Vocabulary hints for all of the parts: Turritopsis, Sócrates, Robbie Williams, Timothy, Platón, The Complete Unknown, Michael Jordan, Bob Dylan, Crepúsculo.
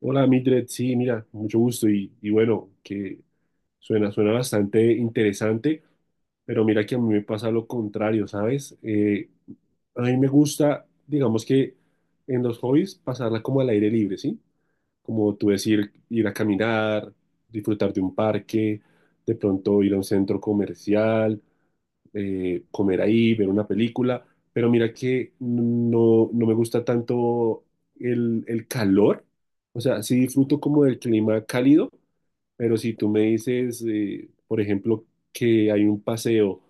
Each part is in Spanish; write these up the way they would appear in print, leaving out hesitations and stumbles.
Hola, Mildred. Sí, mira, mucho gusto. Y bueno, que suena bastante interesante, pero mira que a mí me pasa lo contrario, ¿sabes? A mí me gusta, digamos que en los hobbies, pasarla como al aire libre, ¿sí? Como tú decir, ir a caminar, disfrutar de un parque, de pronto ir a un centro comercial, comer ahí, ver una película, pero mira que no, no me gusta tanto el calor. O sea, sí disfruto como del clima cálido, pero si tú me dices, por ejemplo, que hay un paseo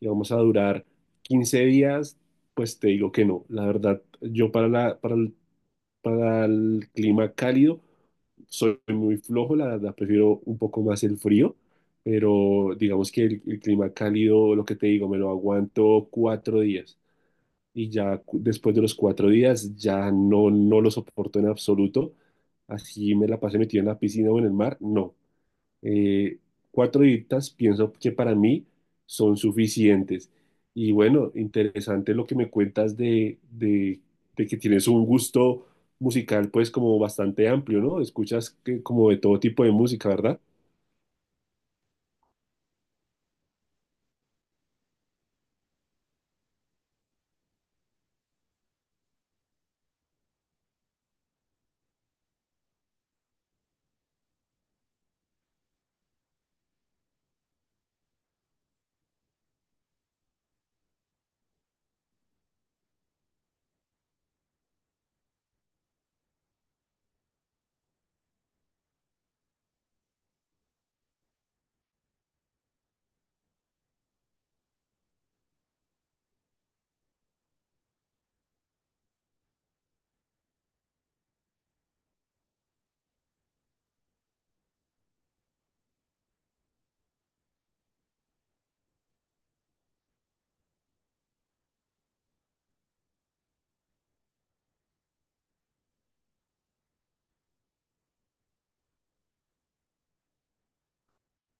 y vamos a durar 15 días, pues te digo que no. La verdad, yo para el clima cálido soy muy flojo, la verdad, prefiero un poco más el frío, pero digamos que el clima cálido, lo que te digo, me lo aguanto 4 días, y ya después de los 4 días ya no, no lo soporto en absoluto. Así me la pasé metido en la piscina o en el mar, no. Eh, 4 horitas pienso que para mí son suficientes. Y bueno, interesante lo que me cuentas de, de que tienes un gusto musical pues como bastante amplio, ¿no? Escuchas, que, como, de todo tipo de música, ¿verdad?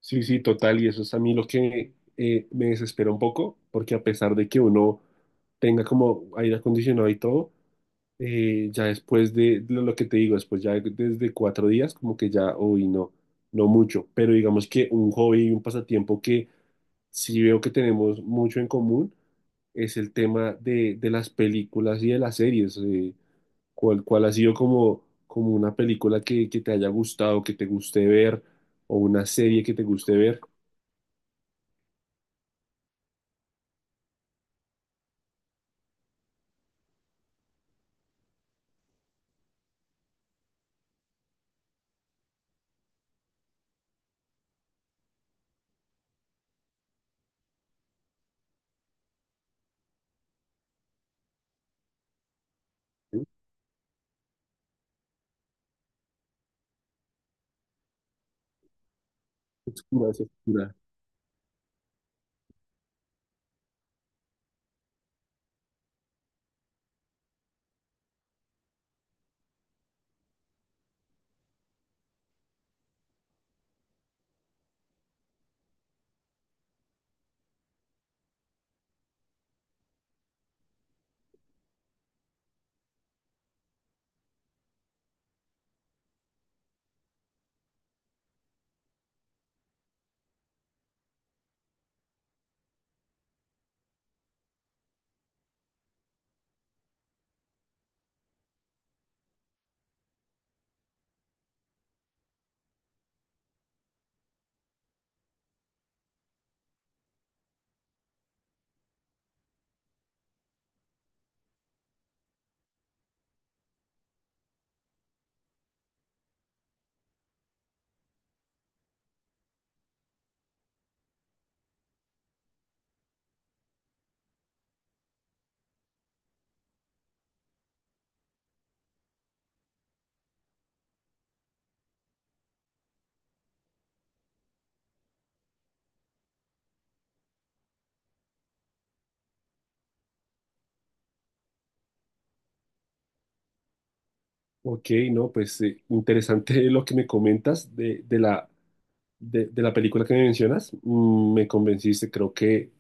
Sí, sí, total. Y eso es a mí lo que, me desespera un poco, porque a pesar de que uno tenga como aire acondicionado y todo, ya después de lo que te digo, después ya desde 4 días, como que ya, uy, no, no mucho. Pero digamos que un hobby y un pasatiempo que sí veo que tenemos mucho en común es el tema de las películas y de las series. Cuál ha sido, como una película que te haya gustado, que te guste ver, o una serie que te guste ver? Oscura, es oscura. Ok. No, pues, interesante lo que me comentas de, de la película que me mencionas. Me convenciste, creo que,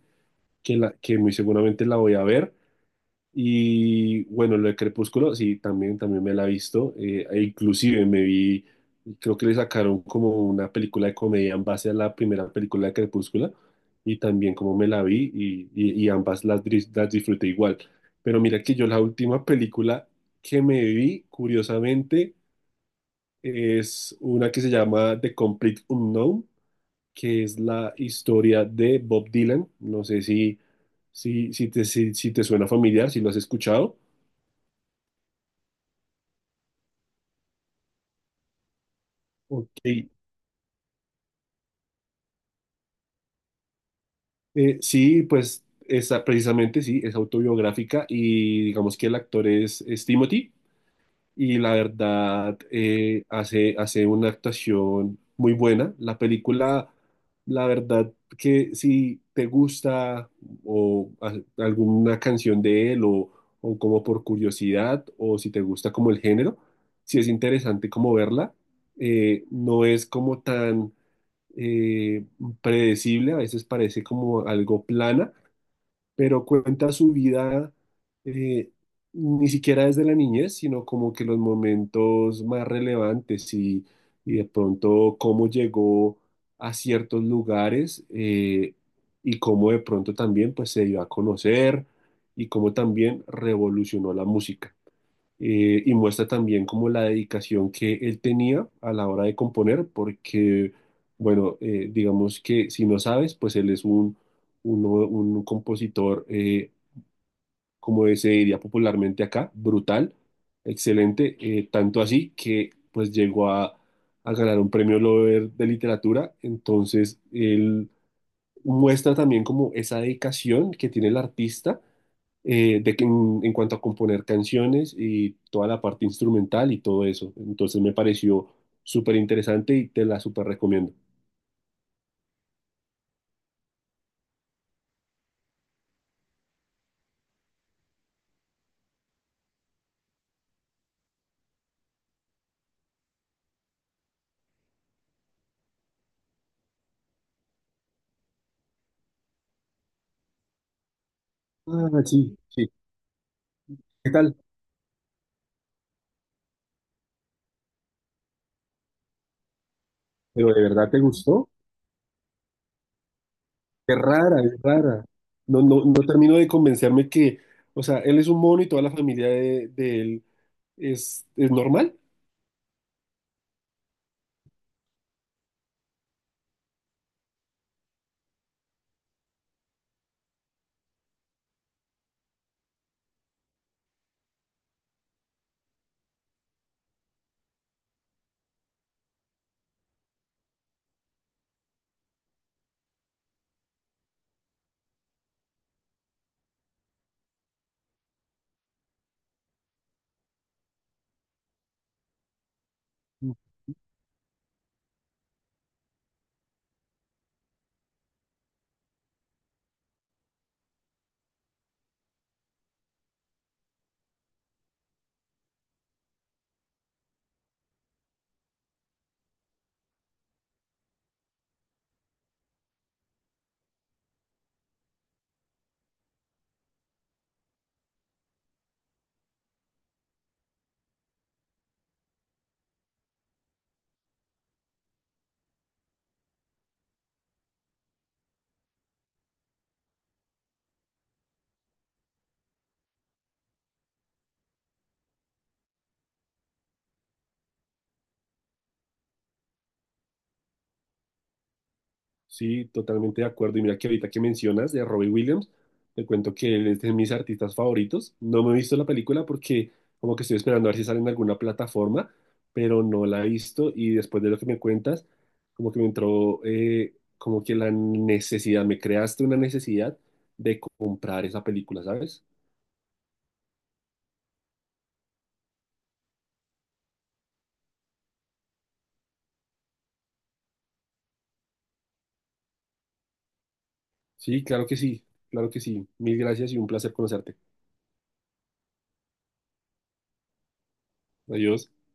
que, la, que muy seguramente la voy a ver. Y bueno, lo de Crepúsculo, sí, también me la he visto. E inclusive me vi, creo que le sacaron como una película de comedia en base a la primera película de Crepúsculo. Y también como me la vi, y ambas las disfruté igual. Pero mira que yo la última película que me vi, curiosamente, es una que se llama The Complete Unknown, que es la historia de Bob Dylan. No sé si te suena familiar, si lo has escuchado. Ok. Sí, pues esa, precisamente sí, es autobiográfica, y digamos que el actor es Timothy. Y la verdad, hace una actuación muy buena. La película, la verdad, que si te gusta, o alguna canción de él, o como por curiosidad, o si te gusta como el género, si es interesante como verla. No es como tan eh, predecible, a veces parece como algo plana, pero cuenta su vida, eh, ni siquiera desde la niñez, sino como que los momentos más relevantes, y de pronto cómo llegó a ciertos lugares, y cómo de pronto también pues se dio a conocer, y cómo también revolucionó la música. Y muestra también como la dedicación que él tenía a la hora de componer, porque, bueno, digamos que si no sabes, pues él es un, un compositor, como se diría popularmente acá, brutal, excelente. Tanto así que pues llegó a ganar un premio Nobel de literatura. Entonces él muestra también como esa dedicación que tiene el artista, de que en cuanto a componer canciones y toda la parte instrumental y todo eso. Entonces me pareció súper interesante y te la súper recomiendo. Ah, sí, sí. ¿Qué tal? ¿Pero de verdad te gustó? Qué rara, es rara. No, no, no termino de convencerme que, o sea, él es un mono y toda la familia de él es normal. Sí, totalmente de acuerdo. Y mira que ahorita que mencionas de Robbie Williams, te cuento que él es de mis artistas favoritos. No me he visto la película porque como que estoy esperando a ver si sale en alguna plataforma, pero no la he visto. Y después de lo que me cuentas, como que me entró, como que la necesidad, me creaste una necesidad de comprar esa película, ¿sabes? Sí, claro que sí, claro que sí. Mil gracias y un placer conocerte. Adiós.